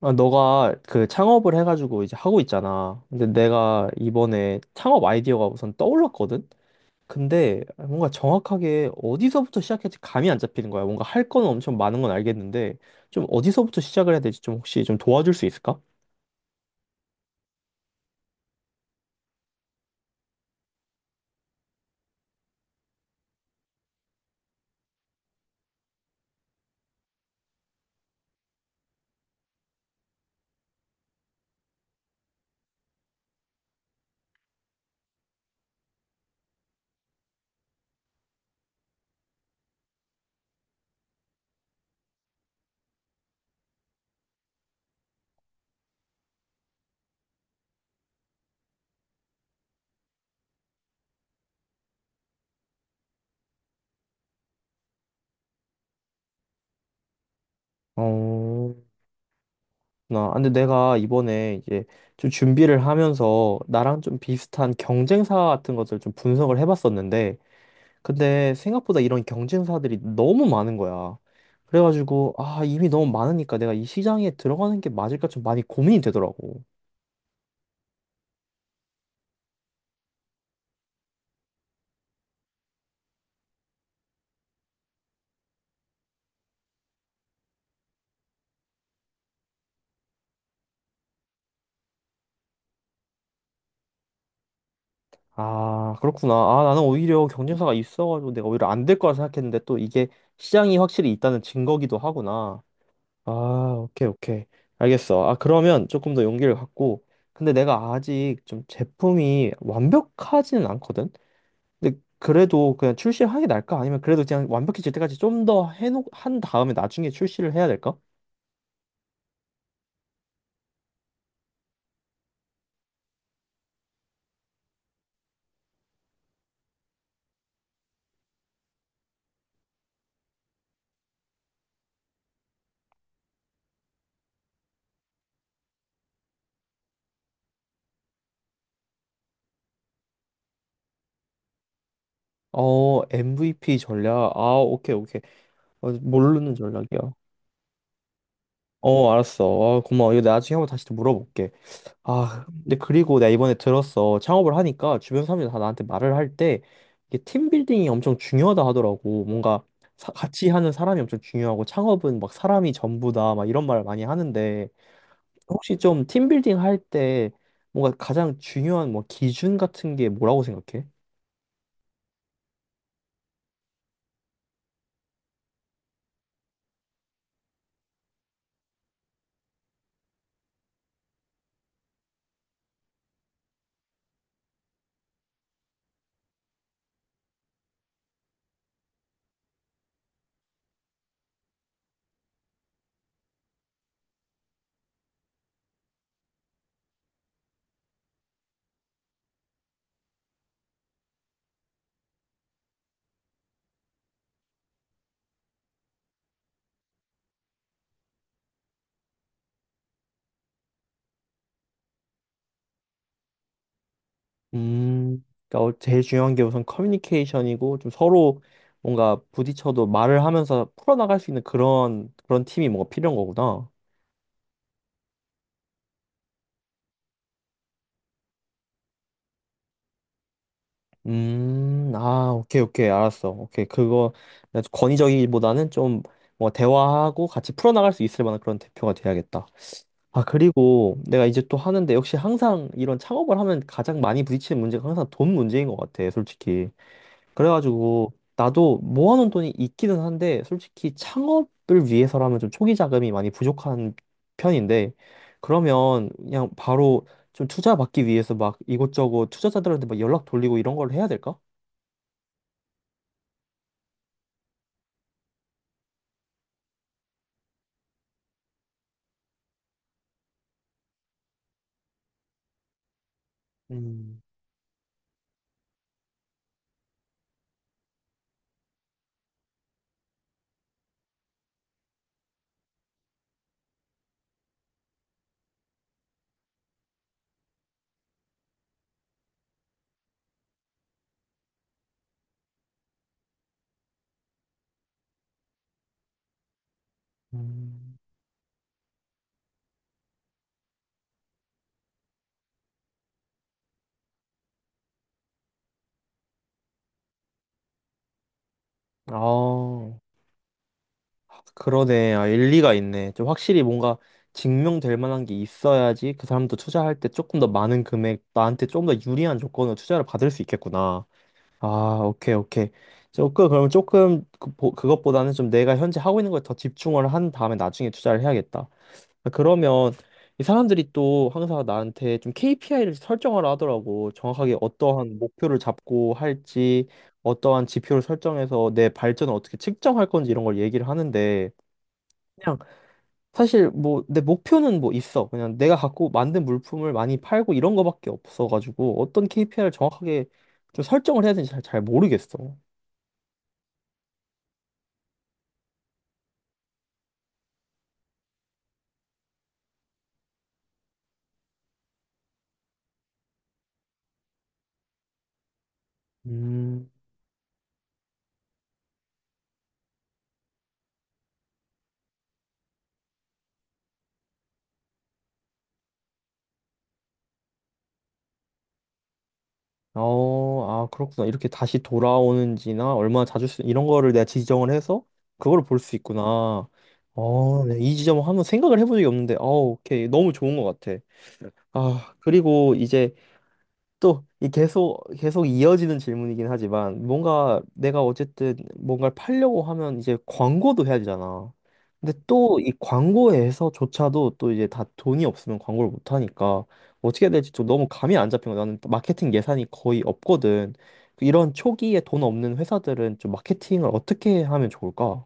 아, 너가 그 창업을 해가지고 이제 하고 있잖아. 근데 내가 이번에 창업 아이디어가 우선 떠올랐거든? 근데 뭔가 정확하게 어디서부터 시작할지 감이 안 잡히는 거야. 뭔가 할 건 엄청 많은 건 알겠는데, 좀 어디서부터 시작을 해야 될지 좀 혹시 좀 도와줄 수 있을까? 어, 근데 내가 이번에 이제 좀 준비를 하면서 나랑 좀 비슷한 경쟁사 같은 것을 좀 분석을 해봤었는데, 근데 생각보다 이런 경쟁사들이 너무 많은 거야. 그래가지고, 아, 이미 너무 많으니까 내가 이 시장에 들어가는 게 맞을까 좀 많이 고민이 되더라고. 아, 그렇구나. 아, 나는 오히려 경쟁사가 있어가지고 내가 오히려 안 될 거라 생각했는데 또 이게 시장이 확실히 있다는 증거기도 하구나. 아, 오케이, 오케이. 알겠어. 아, 그러면 조금 더 용기를 갖고. 근데 내가 아직 좀 제품이 완벽하지는 않거든? 근데 그래도 그냥 출시하게 날까? 아니면 그래도 그냥 완벽해질 때까지 좀 더 해놓 한 다음에 나중에 출시를 해야 될까? 어, MVP 전략. 아, 오케이, 오케이. 어, 모르는 전략이야. 어, 알았어. 어, 고마워. 이거 나중에 한번 다시 또 물어볼게. 아, 근데 그리고 내가 이번에 들었어. 창업을 하니까 주변 사람들이 다 나한테 말을 할 때 이게 팀빌딩이 엄청 중요하다 하더라고. 뭔가 같이 하는 사람이 엄청 중요하고 창업은 막 사람이 전부다 막 이런 말을 많이 하는데 혹시 좀 팀빌딩 할 때 뭔가 가장 중요한 뭐 기준 같은 게 뭐라고 생각해? 음, 그러니까 어, 제일 중요한 게 우선 커뮤니케이션이고 좀 서로 뭔가 부딪혀도 말을 하면서 풀어나갈 수 있는 그런 팀이 뭔가 필요한 거구나. 아, 오케이, 오케이, 알았어. 오케이, 그거 권위적이기보다는 좀 뭐 대화하고 같이 풀어나갈 수 있을 만한 그런 대표가 돼야겠다. 아, 그리고 내가 이제 또 하는데 역시 항상 이런 창업을 하면 가장 많이 부딪히는 문제가 항상 돈 문제인 것 같아, 솔직히. 그래가지고 나도 모아놓은 돈이 있기는 한데 솔직히 창업을 위해서라면 좀 초기 자금이 많이 부족한 편인데 그러면 그냥 바로 좀 투자 받기 위해서 막 이것저것 투자자들한테 막 연락 돌리고 이런 걸 해야 될까? 음, 음. 아, 그러네. 아, 일리가 있네. 좀 확실히 뭔가 증명될 만한 게 있어야지 그 사람도 투자할 때 조금 더 많은 금액, 나한테 조금 더 유리한 조건으로 투자를 받을 수 있겠구나. 아, 오케이, 오케이. 조금, 그러면 조금 그, 그것보다는 좀 내가 현재 하고 있는 거에 더 집중을 한 다음에 나중에 투자를 해야겠다. 아, 그러면 이 사람들이 또 항상 나한테 좀 KPI를 설정하라 하더라고. 정확하게 어떠한 목표를 잡고 할지, 어떠한 지표를 설정해서 내 발전을 어떻게 측정할 건지 이런 걸 얘기를 하는데 사실 뭐 내 목표는 뭐 있어. 그냥 내가 갖고 만든 물품을 많이 팔고 이런 거밖에 없어가지고 어떤 KPI를 정확하게 좀 설정을 해야 되는지 잘 모르겠어. 음, 어, 아, 그렇구나. 이렇게 다시 돌아오는지나 얼마나 자주 쓰 이런 거를 내가 지정을 해서 그걸 볼 수 있구나. 어, 네, 이 지점을 한번 생각을 해본 적이 없는데, 어, 오케이. 너무 좋은 것 같아. 아, 그리고 이제 또 이 계속 계속 이어지는 질문이긴 하지만 뭔가 내가 어쨌든 뭔가를 팔려고 하면 이제 광고도 해야 되잖아. 근데 또 이 광고에서조차도 또 이제 다 돈이 없으면 광고를 못 하니까 어떻게 해야 될지 좀 너무 감이 안 잡힌 거야. 나는 마케팅 예산이 거의 없거든. 그 이런 초기에 돈 없는 회사들은 좀 마케팅을 어떻게 하면 좋을까?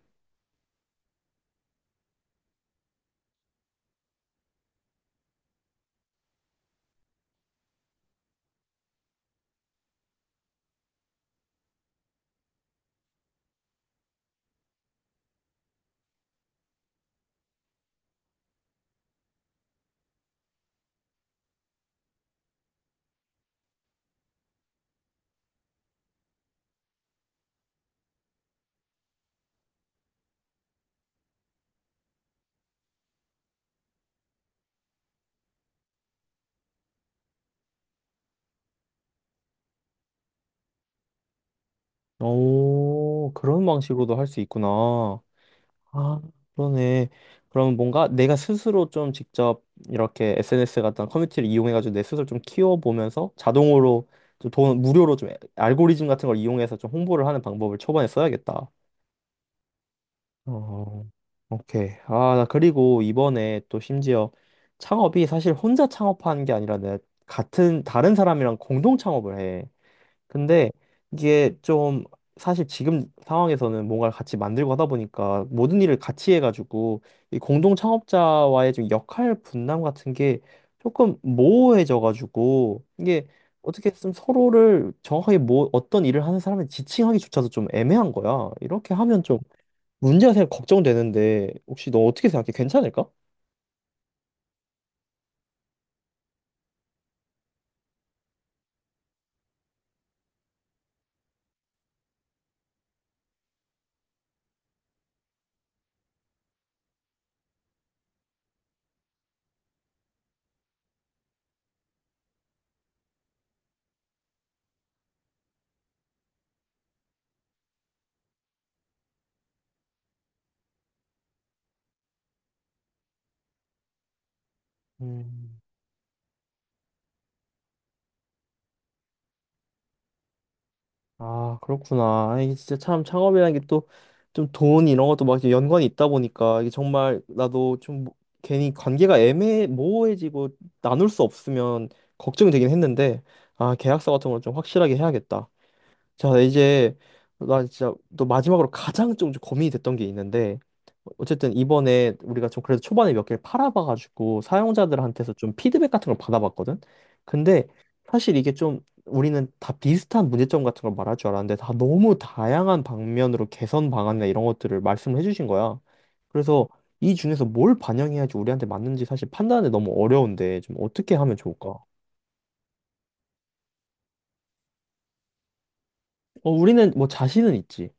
오, 그런 방식으로도 할 수 있구나. 아, 그러네. 그럼 뭔가 내가 스스로 좀 직접 이렇게 SNS 같은 커뮤니티를 이용해가지고 내 스스로 좀 키워보면서 자동으로 좀 돈, 무료로 좀 알고리즘 같은 걸 이용해서 좀 홍보를 하는 방법을 초반에 써야겠다. 어, 오케이. 아, 나 그리고 이번에 또 심지어 창업이 사실 혼자 창업하는 게 아니라 내가 같은, 다른 사람이랑 공동 창업을 해. 근데 이게 좀 사실 지금 상황에서는 뭔가를 같이 만들고 하다 보니까 모든 일을 같이 해가지고 이 공동 창업자와의 좀 역할 분담 같은 게 조금 모호해져가지고 이게 어떻게 좀 서로를 정확하게 뭐 어떤 일을 하는 사람을 지칭하기조차도 좀 애매한 거야. 이렇게 하면 좀 문제가 생겨 걱정되는데 혹시 너 어떻게 생각해? 괜찮을까? 음. 아, 그렇구나. 아, 이게 진짜 참 창업이라는 게 또 좀 돈 이런 것도 막 이렇게 연관이 있다 보니까 이게 정말 나도 좀 괜히 관계가 애매 모호해지고 나눌 수 없으면 걱정이 되긴 했는데 아, 계약서 같은 걸 좀 확실하게 해야겠다. 자, 이제 나 진짜 또 마지막으로 가장 좀 고민이 됐던 게 있는데 어쨌든 이번에 우리가 좀 그래도 초반에 몇 개를 팔아봐가지고 사용자들한테서 좀 피드백 같은 걸 받아봤거든. 근데 사실 이게 좀 우리는 다 비슷한 문제점 같은 걸 말할 줄 알았는데 다 너무 다양한 방면으로 개선 방안이나 이런 것들을 말씀을 해주신 거야. 그래서 이 중에서 뭘 반영해야지 우리한테 맞는지 사실 판단이 너무 어려운데 좀 어떻게 하면 좋을까? 어, 우리는 뭐 자신은 있지.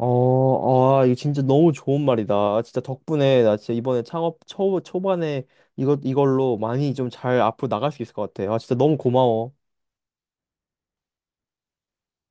어, 아, 이거 진짜 너무 좋은 말이다. 아, 진짜 덕분에 나 진짜 이번에 창업 초반에 이걸로 많이 좀 잘 앞으로 나갈 수 있을 것 같아. 아, 진짜 너무 고마워.